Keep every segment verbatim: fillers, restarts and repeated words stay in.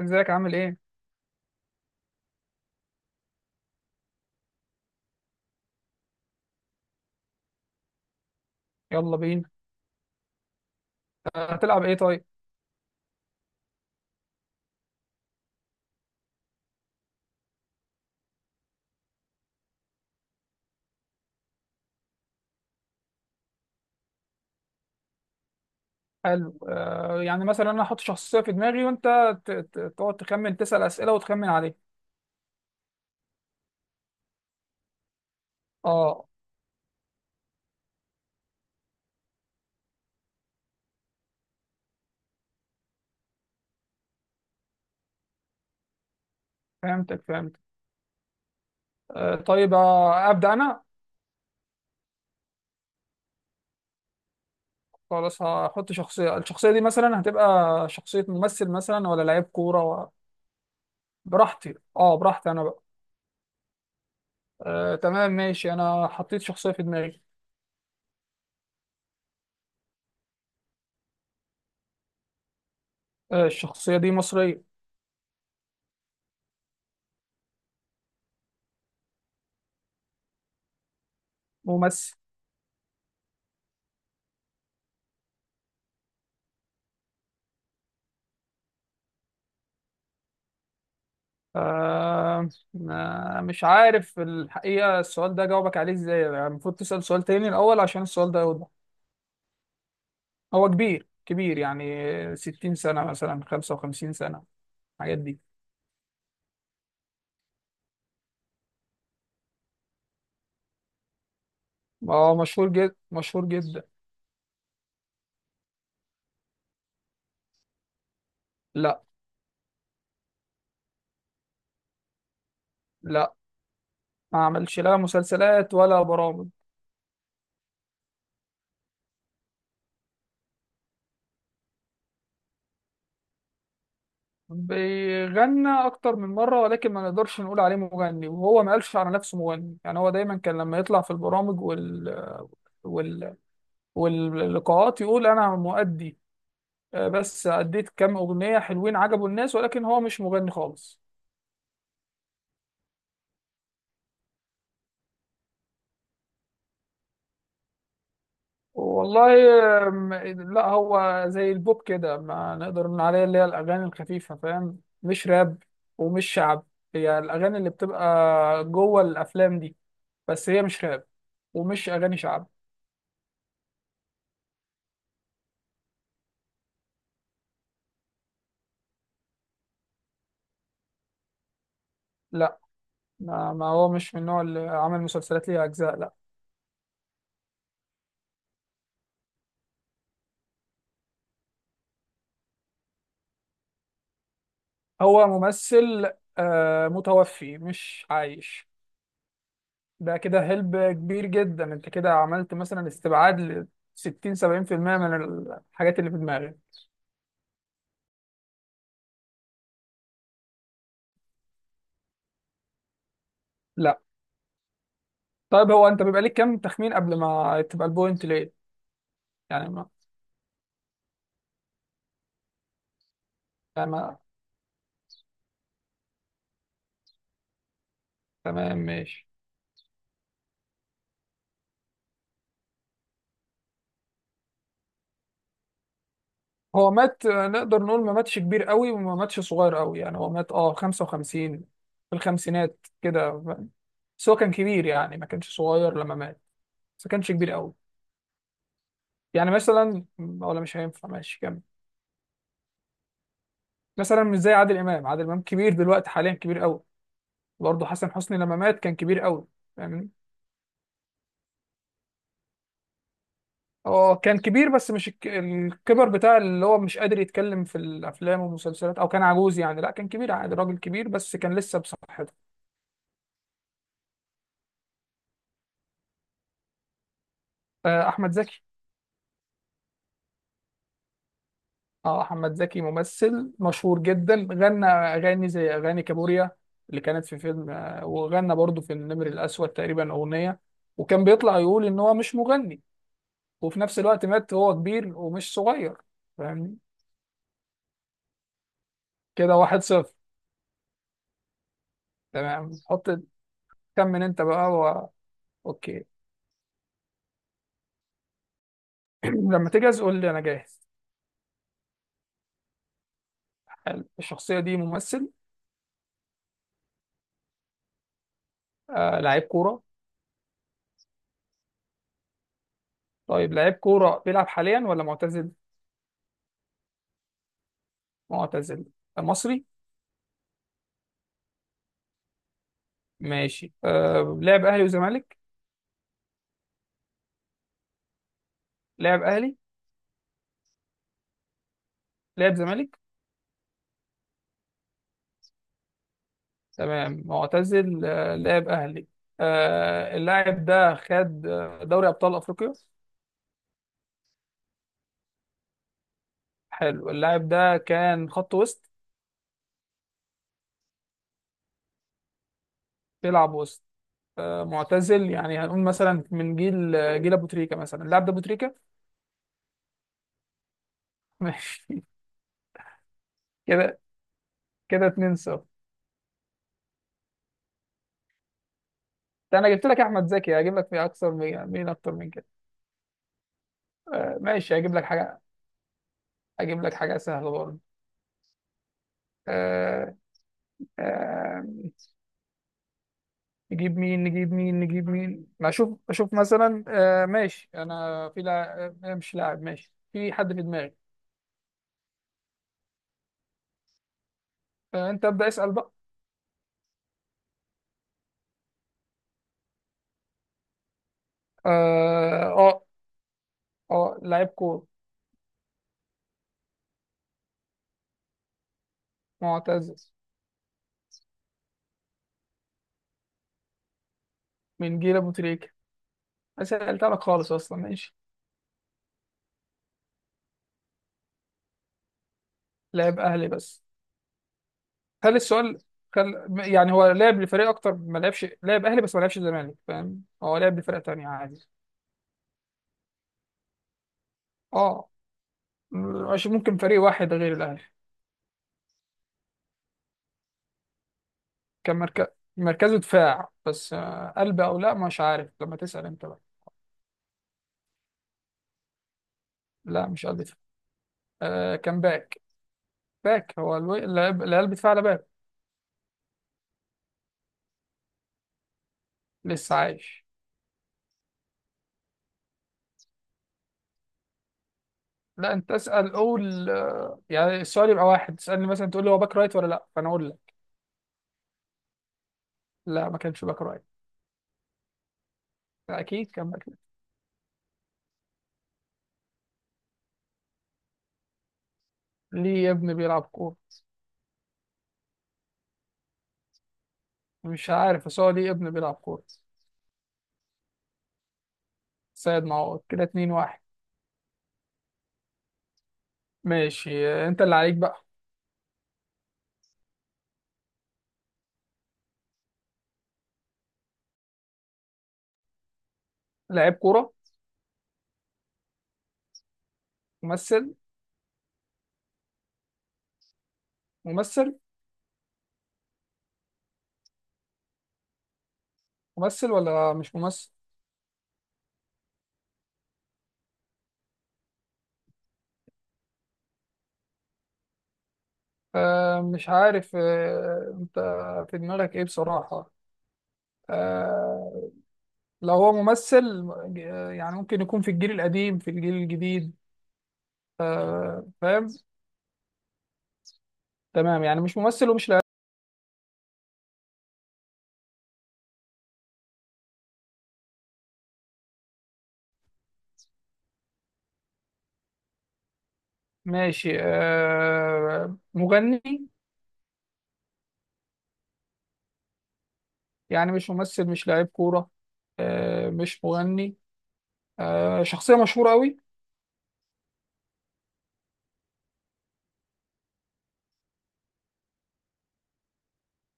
ازيك عامل ايه؟ يلا بينا. آه، هتلعب ايه طيب؟ حلو، آه، يعني مثلا انا احط شخصيه في دماغي وانت ت- ت- تقعد تخمن، تسال اسئله وتخمن عليه. اه، فهمتك فهمت. آه طيب، آه، ابدا انا. خلاص، هحط شخصيه. الشخصيه دي مثلا هتبقى شخصيه ممثل مثلا ولا لعيب كوره و... براحتي، اه براحتي انا بقى. آه تمام ماشي، انا حطيت شخصيه في دماغي. آه، الشخصيه دي مصريه. ممثل. آه، ما- مش عارف الحقيقة، السؤال ده جاوبك عليه ازاي؟ يعني المفروض تسأل سؤال تاني الأول عشان السؤال ده يوضح. هو كبير كبير، يعني ستين سنة مثلا، خمسة وخمسين سنة، الحاجات دي. هو مشهور جدا، مشهور جدا. لا. لا، ما عملش لا مسلسلات ولا برامج. بيغنى أكتر من مرة ولكن ما نقدرش نقول عليه مغني، وهو ما قالش على نفسه مغني. يعني هو دايما كان لما يطلع في البرامج وال وال واللقاءات يقول أنا مؤدي. آه، بس أديت كام أغنية حلوين عجبوا الناس، ولكن هو مش مغني خالص. والله، آم، لا، هو زي البوب كده، ما نقدر نقول عليه، اللي هي الأغاني الخفيفة، فاهم؟ مش راب ومش شعب. هي الأغاني اللي بتبقى جوه الأفلام دي. بس هي مش راب ومش أغاني شعب. لا، ما ما هو مش من النوع اللي عمل مسلسلات ليها أجزاء، لا. هو ممثل. آه، متوفي مش عايش. ده كده هلب كبير جدا، انت كده عملت مثلا استبعاد ل ستين سبعين في المية من الحاجات اللي في دماغي. لا. طيب، هو انت بيبقى ليك كام تخمين قبل ما تبقى البوينت ليه؟ يعني ما, يعني ما تمام ماشي. هو مات، آه، نقدر نقول ما ماتش كبير قوي وما ماتش صغير قوي. يعني هو مات اه خمسة وخمسين، في الخمسينات كده، فاهم؟ بس هو كان كبير، يعني ما كانش صغير لما مات، بس ما كانش كبير قوي. يعني مثلا، ولا مش هينفع؟ ماشي كمل. مثلا مش زي عادل امام. عادل امام كبير دلوقتي حاليا، كبير قوي. برضه حسن حسني لما مات كان كبير قوي، فاهمني؟ هو كان كبير بس مش الك- الكبر بتاع اللي هو مش قادر يتكلم في الافلام والمسلسلات، او كان عجوز. يعني لا، كان كبير عادي، راجل كبير بس كان لسه بصحته. آه، احمد زكي. اه، احمد زكي ممثل مشهور جدا، غنى اغاني زي اغاني كابوريا اللي كانت في فيلم، آه، وغنى برضه في النمر الاسود تقريبا اغنيه، وكان بيطلع يقول ان هو مش مغني، وفي نفس الوقت مات وهو كبير ومش صغير، فاهمني؟ كده واحد صفر. تمام حط. كمل انت بقى و... اوكي. لما تجهز قول لي، انا جاهز. حلو، الشخصيه دي ممثل؟ آه لعيب كوره. طيب لعيب كوره بيلعب حاليا ولا معتزل؟ معتزل. مصري. ماشي، آه لعب اهلي وزمالك. لعب اهلي. لعب زمالك. تمام معتزل، آه لعب اهلي. آه، اللاعب ده خد، آه، دوري ابطال افريقيا. حلو، اللاعب ده كان خط وسط. بيلعب وسط. آه معتزل، يعني هنقول مثلا من جيل، آه، جيل ابو تريكه مثلا. اللاعب ده ابو تريكه. ماشي كده. كده اتنين صفر. ده انا جبت لك احمد زكي، هجيب لك مين اكتر من مين اكتر من كده؟ آه ماشي، هجيب لك حاجه، اجيب لك حاجه سهله برضه. آه. آه. نجيب مين، نجيب مين، نجيب مين، ما اشوف اشوف. مثلا، آه ماشي، انا في لاعب، آه، مش لاعب، ماشي، في حد في دماغي. آه، انت ابدا اسال بقى. اه، اه. آه، لعيب كوره. معتزل من جيل ابو تريكه. سالت لك خالص اصلا، ماشي. لاعب اهلي بس. خلي السؤال. خل... يعني هو لعب لفريق اكتر، ما لعبش، لعب اهلي بس، ما لعبش الزمالك، فاهم؟ هو لعب لفرق تانية عادي. اه، عشان ممكن فريق واحد غير الاهلي. كان مركز، مركزه دفاع بس، آه، قلب او لا، مش عارف، لما تسأل انت بقى. لا، مش قلب دفاع. آه كان باك. باك، هو الو... اللاعب- اللي قلب دفاع على باك. لسه عايش. لا انت اسأل، قول آه، يعني السؤال يبقى واحد، تسألني مثلا تقول لي هو باك رايت ولا لا، فانا اقول لك. لا ما كانش باك رايت. لا، اكيد كان باك ليفت. ليه يا ابني بيلعب كورة؟ مش عارف، بس هو ليه ابن بيلعب كورة. سيد معوض، كده اتنين واحد. ماشي، آه، انت اللي عليك بقى. لعيب كورة؟ ممثل؟ ممثل. ممثل ولا مش ممثل؟ آه مش عارف، آه انت في دماغك ايه بصراحة؟ آه لو هو ممثل، آه، يعني ممكن يكون في الجيل القديم، في الجيل الجديد. آه فاهم. تمام، يعني مش ممثل ومش لاعب. ماشي، آه مغني. يعني مش ممثل، مش لاعب كورة، آه مش مغني. آه، شخصية مشهورة أوي.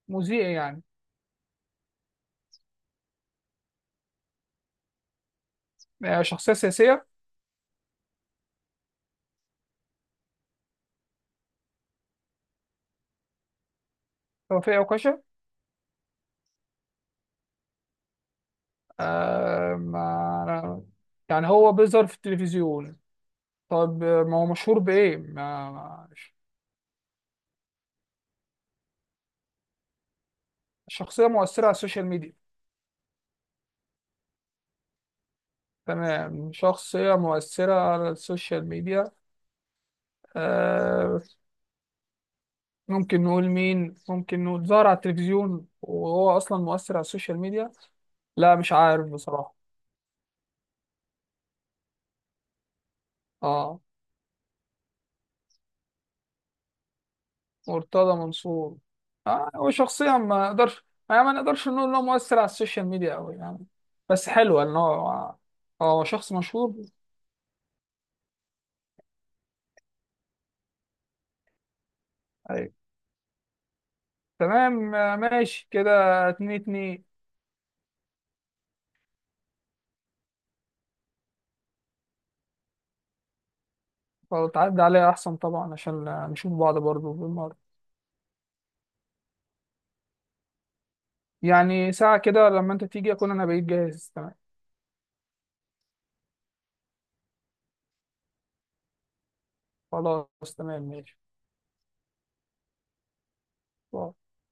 مذيع يعني؟ آه، شخصية سياسية. توفيق عكاشة. آه، ما يعني هو بيظهر في التلفزيون. طب آه، ما هو مشهور بإيه؟ ما... ما- شخصية مؤثرة على السوشيال ميديا. تمام، شخصية مؤثرة على السوشيال ميديا. آه، ممكن نقول مين؟ ممكن نقول ظهر على التلفزيون وهو أصلا مؤثر على السوشيال ميديا. لا مش عارف بصراحة. اه. مرتضى منصور. آه، هو شخصيا ما نقدرش، يعني ما نقدرش نقول انه مؤثر على السوشيال ميديا قوي، يعني. بس حلو ان هو، هو شخص مشهور. ايوه. تمام آه، ماشي كده. اتنين اتنين. طب تعدي عليا احسن طبعا، عشان آه، نشوف بعض برضو بالمرة. يعني ساعة كده، لما انت تيجي اكون انا بقيت جاهز، تمام. خلاص تمام ماشي.